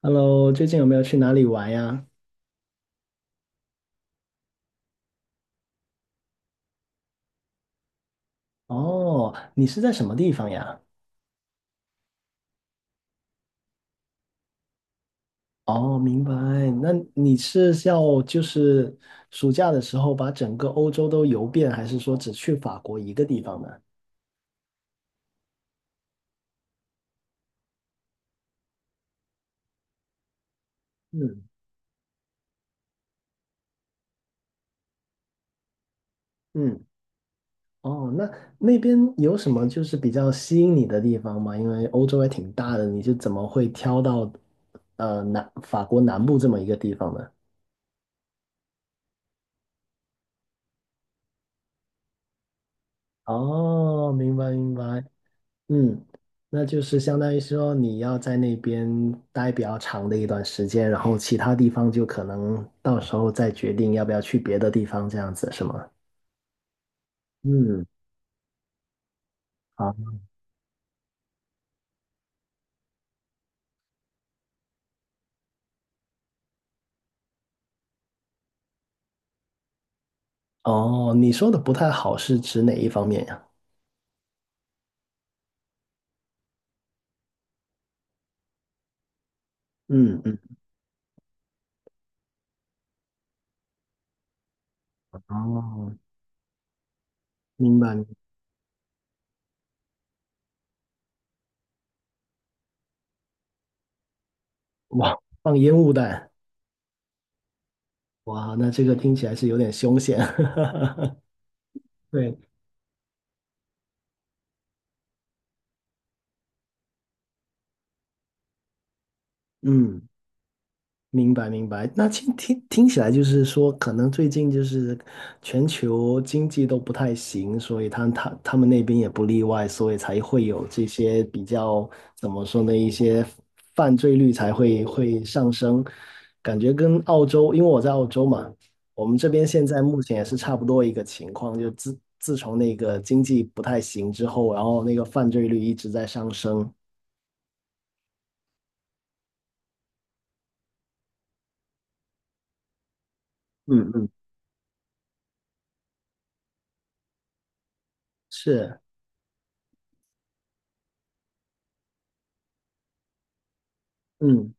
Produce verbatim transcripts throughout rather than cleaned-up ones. Hello,最近有没有去哪里玩呀？哦，你是在什么地方呀？哦，明白。那你是要就是暑假的时候把整个欧洲都游遍，还是说只去法国一个地方呢？嗯嗯。哦，那那边有什么就是比较吸引你的地方吗？因为欧洲还挺大的，你是怎么会挑到呃南法国南部这么一个地方呢？哦，明白明白。嗯，那就是相当于说你要在那边待比较长的一段时间，然后其他地方就可能到时候再决定要不要去别的地方，这样子是吗？嗯，好。哦，你说的不太好是指哪一方面呀？嗯嗯，哦，明白。哇，放烟雾弹。哇，那这个听起来是有点凶险。对，嗯。明白明白。那听听听起来就是说，可能最近就是全球经济都不太行，所以他他他们那边也不例外，所以才会有这些比较怎么说呢，一些犯罪率才会会上升。感觉跟澳洲，因为我在澳洲嘛，我们这边现在目前也是差不多一个情况，就自自从那个经济不太行之后，然后那个犯罪率一直在上升。嗯嗯，是，嗯。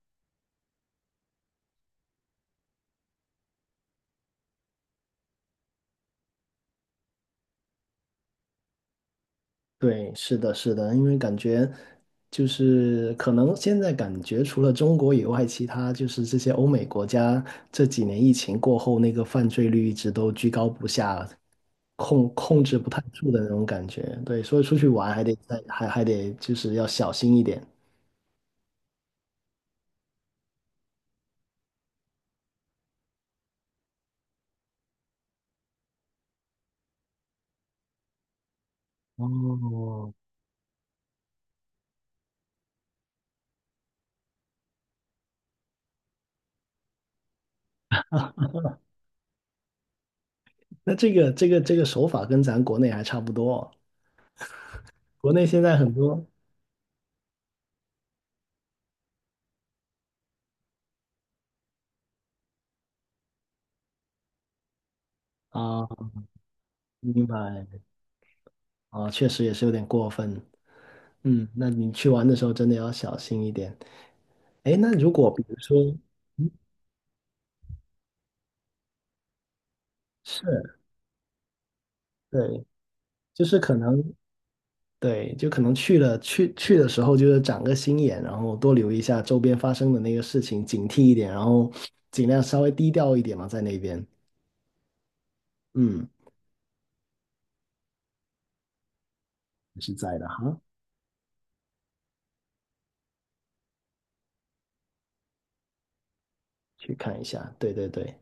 对，是的，是的，因为感觉就是可能现在感觉除了中国以外，其他就是这些欧美国家这几年疫情过后，那个犯罪率一直都居高不下，控控制不太住的那种感觉。对，所以出去玩还得再还还得就是要小心一点。哦，那这个这个这个手法跟咱国内还差不多，国内现在很多。啊，明白。啊，确实也是有点过分。嗯，那你去玩的时候真的要小心一点。哎，那如果比如说，嗯，是，对，就是可能，对，就可能去了去去的时候，就是长个心眼，然后多留意一下周边发生的那个事情，警惕一点，然后尽量稍微低调一点嘛，在那边，嗯，是在的哈，去看一下，对对对。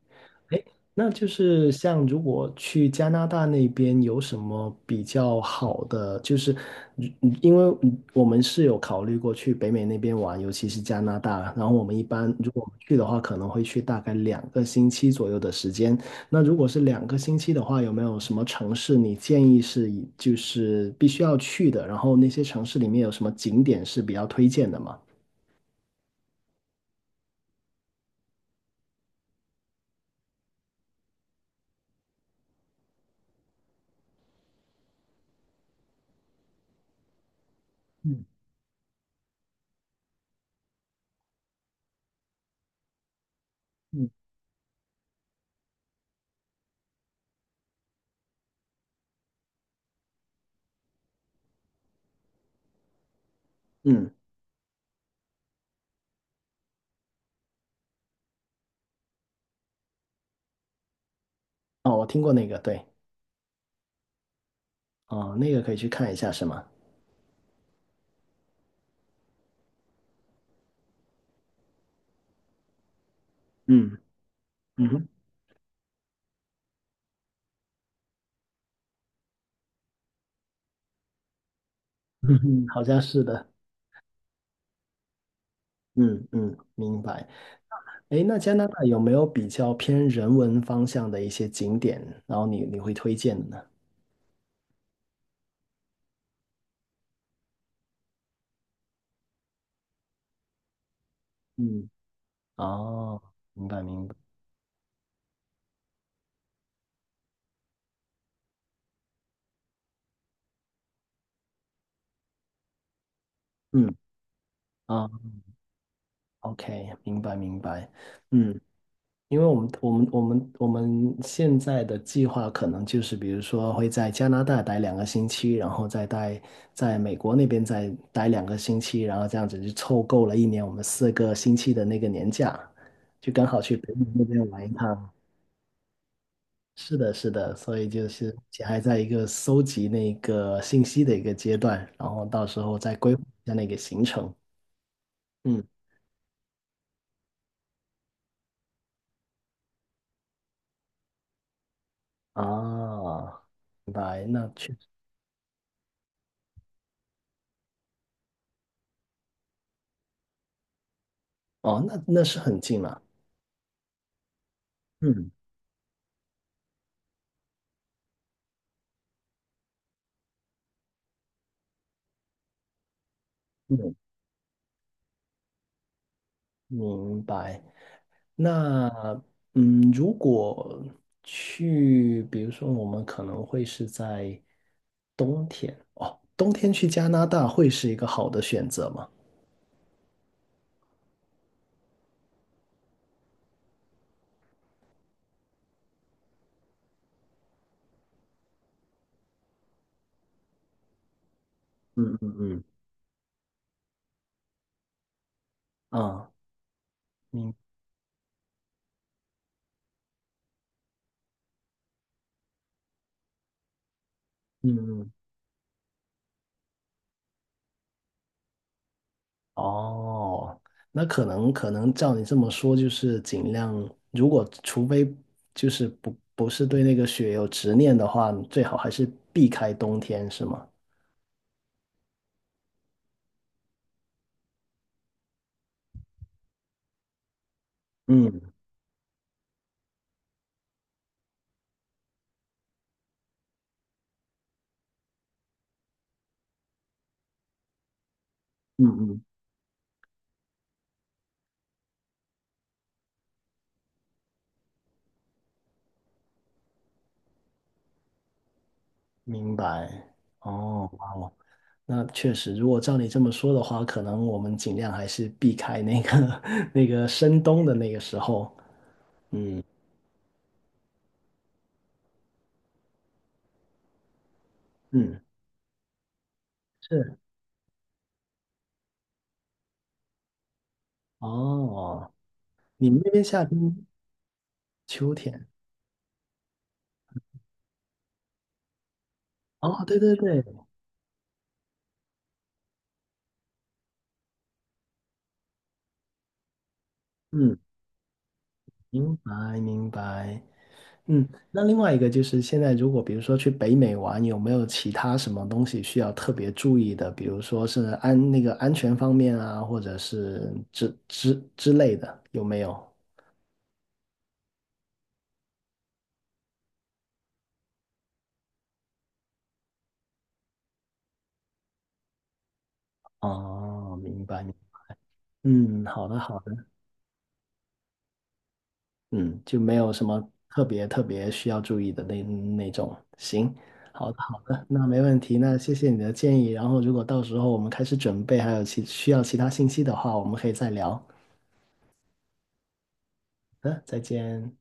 那就是像如果去加拿大那边有什么比较好的，就是嗯嗯，因为我们是有考虑过去北美那边玩，尤其是加拿大。然后我们一般如果我们去的话，可能会去大概两个星期左右的时间。那如果是两个星期的话，有没有什么城市你建议是以就是必须要去的？然后那些城市里面有什么景点是比较推荐的吗？嗯嗯，哦，我听过那个，对。哦，那个可以去看一下，是吗？嗯，嗯哼。嗯哼，好像是的。嗯嗯，明白。诶，那加拿大有没有比较偏人文方向的一些景点，然后你你会推荐的呢？嗯，哦，明白明白，嗯，啊，OK,明白明白，嗯。因为我们我们我们我们现在的计划可能就是，比如说会在加拿大待两个星期，然后再待在美国那边再待两个星期，然后这样子就凑够了一年我们四个星期的那个年假，就刚好去北美那边玩一趟。是的，是的，所以就是还在一个搜集那个信息的一个阶段，然后到时候再规划一下那个行程。嗯，啊，明白，那确实，哦，那那是很近了。嗯。嗯，明白。那嗯，如果去，比如说我们可能会是在冬天。哦，冬天去加拿大会是一个好的选择吗？嗯嗯嗯。啊，明嗯嗯。哦，那可能可能照你这么说，就是尽量，如果除非就是不不是对那个雪有执念的话，最好还是避开冬天，是吗？嗯嗯嗯，明白。哦，哇，那确实，如果照你这么说的话，可能我们尽量还是避开那个 那个深冬的那个时候。嗯嗯，是。哦，你们那边夏天、秋天？哦，对对对，嗯，明白明白。嗯，那另外一个就是现在如果比如说去北美玩，有没有其他什么东西需要特别注意的？比如说是安那个安全方面啊，或者是之之之类的，有没有？哦，明白。嗯，好的好的。嗯，就没有什么特别特别需要注意的那那种。行，好的好的，那没问题，那谢谢你的建议。然后如果到时候我们开始准备，还有其需要其他信息的话，我们可以再聊。好的，再见。